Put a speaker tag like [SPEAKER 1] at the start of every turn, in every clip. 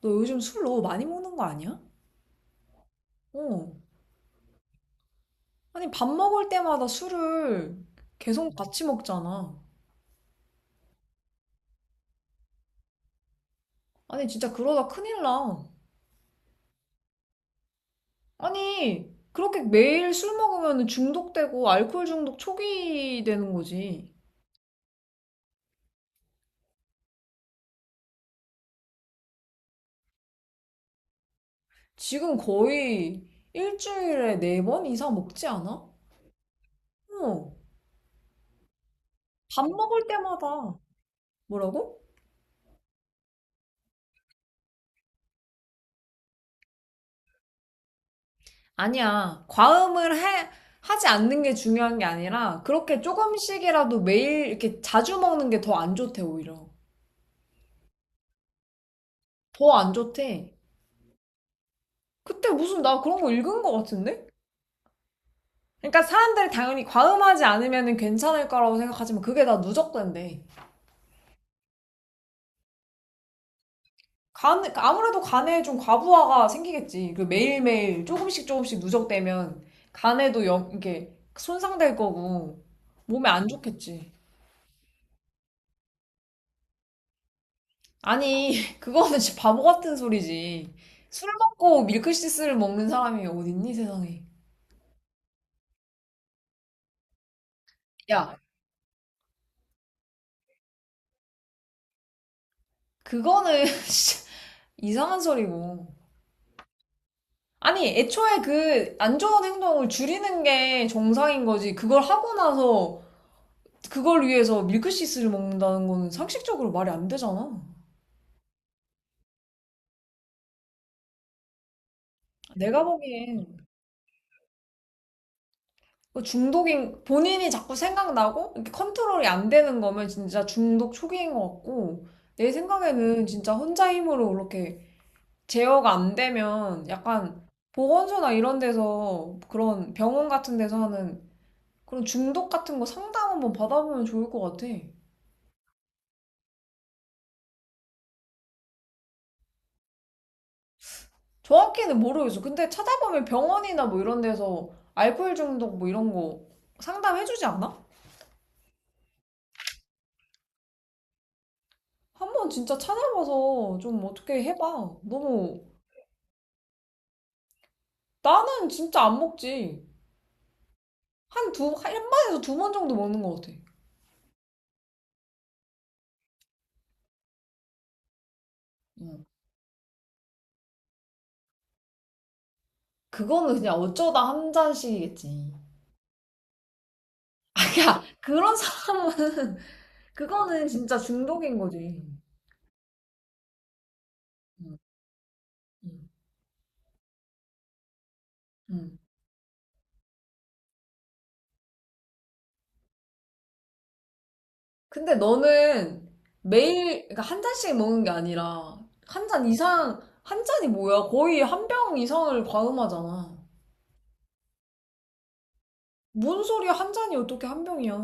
[SPEAKER 1] 너 요즘 술 너무 많이 먹는 거 아니야? 어. 아니, 밥 먹을 때마다 술을 계속 같이 먹잖아. 아니, 진짜 그러다 큰일 나. 아니, 그렇게 매일 술 먹으면 중독되고 알코올 중독 초기 되는 거지. 지금 거의 일주일에 네 번 이상 먹지 않아? 어. 밥 먹을 때마다. 뭐라고? 아니야. 과음을 해, 하지 않는 게 중요한 게 아니라 그렇게 조금씩이라도 매일 이렇게 자주 먹는 게 더 안 좋대 오히려. 더 안 좋대. 그때 무슨 나 그런 거 읽은 거 같은데? 그러니까 사람들이 당연히 과음하지 않으면 괜찮을 거라고 생각하지만 그게 다 누적된대. 간, 아무래도 간에 좀 과부하가 생기겠지. 그 매일매일 조금씩 조금씩 누적되면 간에도 영, 이게 손상될 거고 몸에 안 좋겠지. 아니, 그거는 진짜 바보 같은 소리지. 술 먹고 밀크시스를 먹는 사람이 어딨니 세상에. 야, 그거는 진짜 이상한 소리고. 아니, 애초에 그 안 좋은 행동을 줄이는 게 정상인 거지. 그걸 하고 나서 그걸 위해서 밀크시스를 먹는다는 거는 상식적으로 말이 안 되잖아. 내가 보기엔 그 중독인 본인이 자꾸 생각나고 이렇게 컨트롤이 안 되는 거면 진짜 중독 초기인 것 같고 내 생각에는 진짜 혼자 힘으로 이렇게 제어가 안 되면 약간 보건소나 이런 데서 그런 병원 같은 데서 하는 그런 중독 같은 거 상담 한번 받아보면 좋을 것 같아. 정확히는 모르겠어. 근데 찾아보면 병원이나 뭐 이런 데서 알코올 중독 뭐 이런 거 상담해주지 않아? 한번 진짜 찾아봐서 좀 어떻게 해봐. 너무 나는 진짜 안 먹지. 한 두, 한 번에서 두 번 정도 먹는 것 같아. 어. 그거는 그냥 어쩌다 한 잔씩이겠지. 야, 그런 사람은 그거는 진짜 중독인 거지. 응, 응, 응. 근데 너는 매일, 그러니까 한 잔씩 먹는 게 아니라, 한 잔 이상, 한 잔이 뭐야? 거의 한 병 이상을 과음하잖아. 뭔 소리야? 한 잔이 어떻게 한 병이야?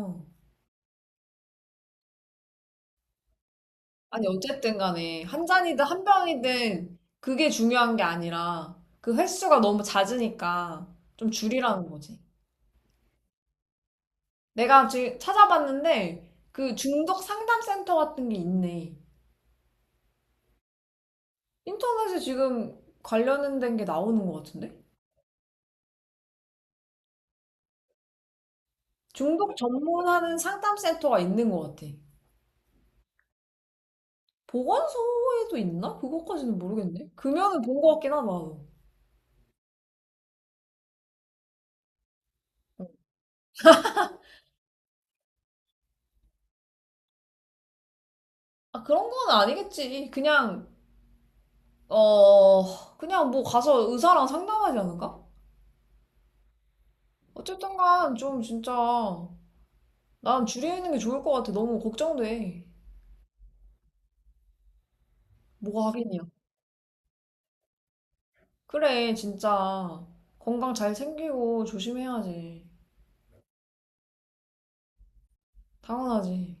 [SPEAKER 1] 아니, 어쨌든 간에, 한 잔이든 한 병이든, 그게 중요한 게 아니라, 그 횟수가 너무 잦으니까, 좀 줄이라는 거지. 내가 지금 찾아봤는데, 그 중독 상담 센터 같은 게 있네. 인터넷에 지금 관련된 게 나오는 것 같은데? 중독 전문하는 상담센터가 있는 것 같아. 보건소에도 있나? 그것까지는 모르겠네. 금연은 본 것 같긴 하다. 나도. 아, 그런 건 아니겠지. 그냥, 그냥 뭐 가서 의사랑 상담하지 않을까? 어쨌든 간 좀 진짜 난 줄이는 게 좋을 것 같아. 너무 걱정돼. 뭐가 하겠냐. 그래, 진짜. 건강 잘 챙기고 조심해야지. 당연하지.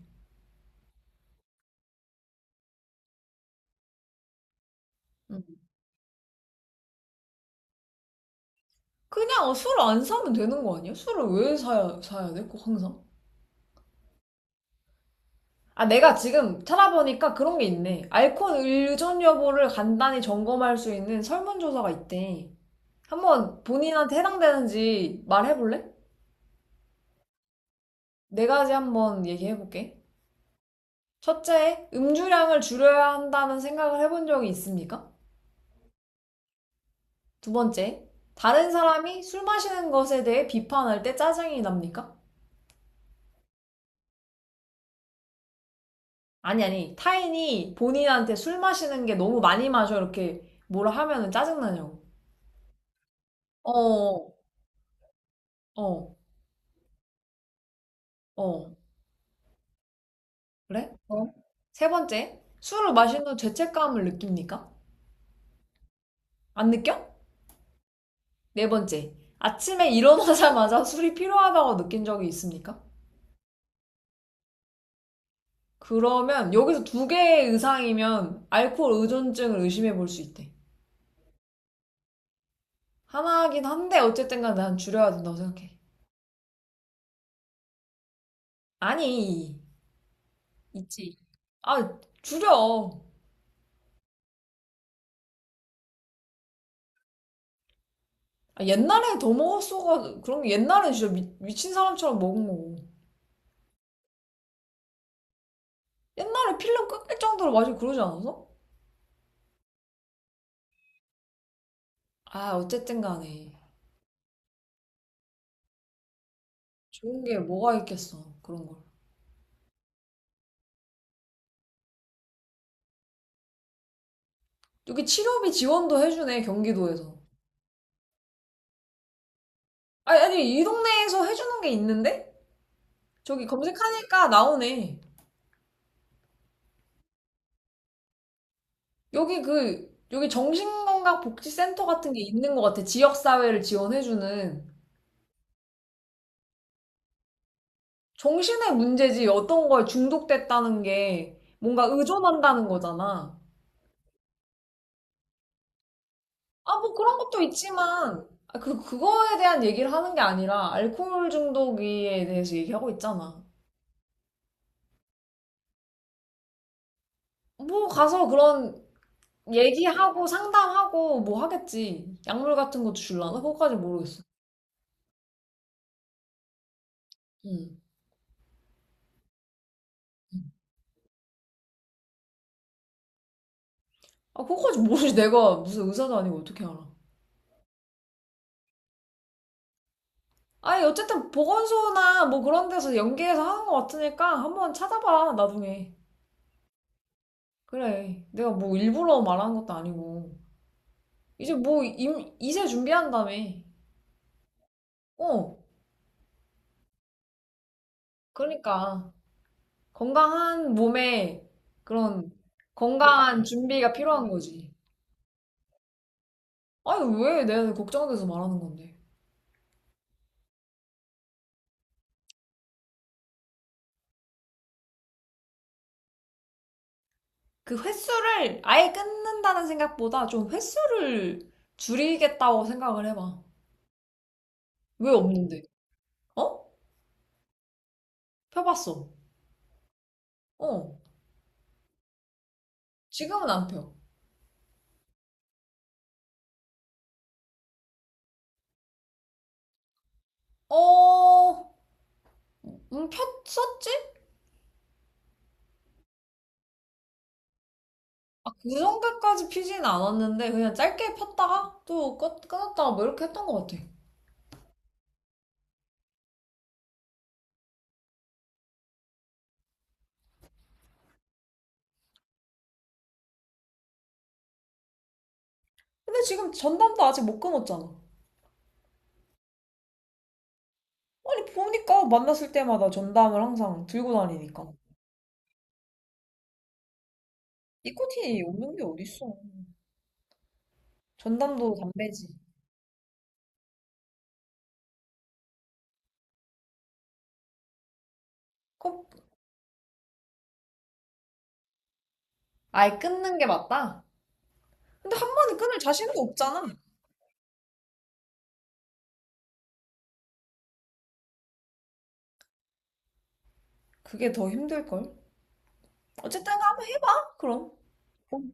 [SPEAKER 1] 응. 그냥 술 안 사면 되는 거 아니야? 술을 왜 사야, 사야 돼? 꼭 항상? 아, 내가 지금 찾아보니까 그런 게 있네. 알코올 의존 여부를 간단히 점검할 수 있는 설문조사가 있대. 한번 본인한테 해당되는지 말해볼래? 네 가지 한번 얘기해볼게. 첫째, 음주량을 줄여야 한다는 생각을 해본 적이 있습니까? 두 번째, 다른 사람이 술 마시는 것에 대해 비판할 때 짜증이 납니까? 아니, 아니, 타인이 본인한테 술 마시는 게 너무 많이 마셔 이렇게 뭐라 하면은 짜증나냐고. 어, 어, 어. 그래? 어. 세 번째, 술을 마신 후 죄책감을 느낍니까? 안 느껴? 네 번째, 아침에 일어나자마자 술이 필요하다고 느낀 적이 있습니까? 그러면 여기서 두 개의 이상이면 알코올 의존증을 의심해 볼 수 있대. 하나긴 한데 어쨌든 간에 난 줄여야 된다고 생각해. 아니, 있지. 아, 줄여. 아, 옛날에 더 먹었어가 그런 게 옛날에 진짜 미친 사람처럼 먹은 거고. 옛날에 필름 끊길 정도로 마시고 그러지 않았어? 아, 어쨌든 간에. 좋은 게 뭐가 있겠어, 그런 걸. 여기 치료비 지원도 해주네, 경기도에서. 아니, 아니, 이 동네에서 해주는 게 있는데? 저기 검색하니까 나오네. 여기 그, 여기 정신건강복지센터 같은 게 있는 것 같아. 지역사회를 지원해주는. 정신의 문제지, 어떤 거에 중독됐다는 게 뭔가 의존한다는 거잖아. 아, 뭐 그런 것도 있지만, 아, 그, 그거에 대한 얘기를 하는 게 아니라, 알코올 중독에 대해서 얘기하고 있잖아. 뭐 가서 그런 얘기하고 상담하고 뭐 하겠지. 약물 같은 것도 줄라나? 그거까지 모르겠어. 응. 아, 그거까지 모르지. 내가 무슨 의사도 아니고 어떻게 알아. 아니, 어쨌든 보건소나 뭐 그런 데서 연계해서 하는 것 같으니까 한번 찾아봐, 나중에. 그래. 내가 뭐 일부러 말하는 것도 아니고. 이제 뭐 이세 준비한다며. 어. 그러니까. 건강한 몸에 그런 건강한 준비가 필요한 거지. 아니, 왜 내가 걱정돼서 말하는 건데. 그 횟수를 아예 끊는다는 생각보다 좀 횟수를 줄이겠다고 생각을 해봐. 왜 없는데? 어? 펴봤어. 어. 지금은 안 펴. 어, 폈었지? 아, 그 정도까지 피진 않았는데, 그냥 짧게 폈다가 또 끊었다가 뭐 이렇게 했던 것 같아. 근데 지금 전담도 아직 못 끊었잖아. 아니, 보니까 만났을 때마다 전담을 항상 들고 다니니까. 니코틴이 없는 게 어딨어. 전담도 담배지. 그럼 아예 끊는 게 맞다? 근데 한 번에 끊을 자신도 없잖아. 그게 더 힘들걸? 어쨌든 한번 해봐, 그럼. 음.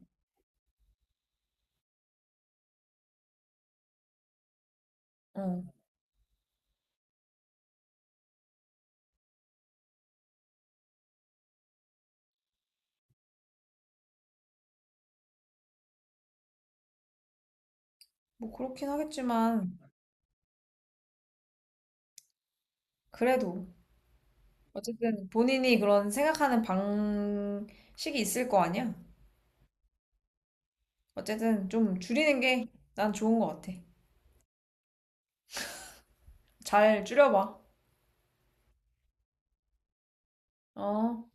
[SPEAKER 1] 어, 뭐 그렇긴 하겠지만, 그래도. 어쨌든 본인이 그런 생각하는 방식이 있을 거 아니야? 어쨌든 좀 줄이는 게 난 좋은 것 같아. 잘 줄여봐. 어.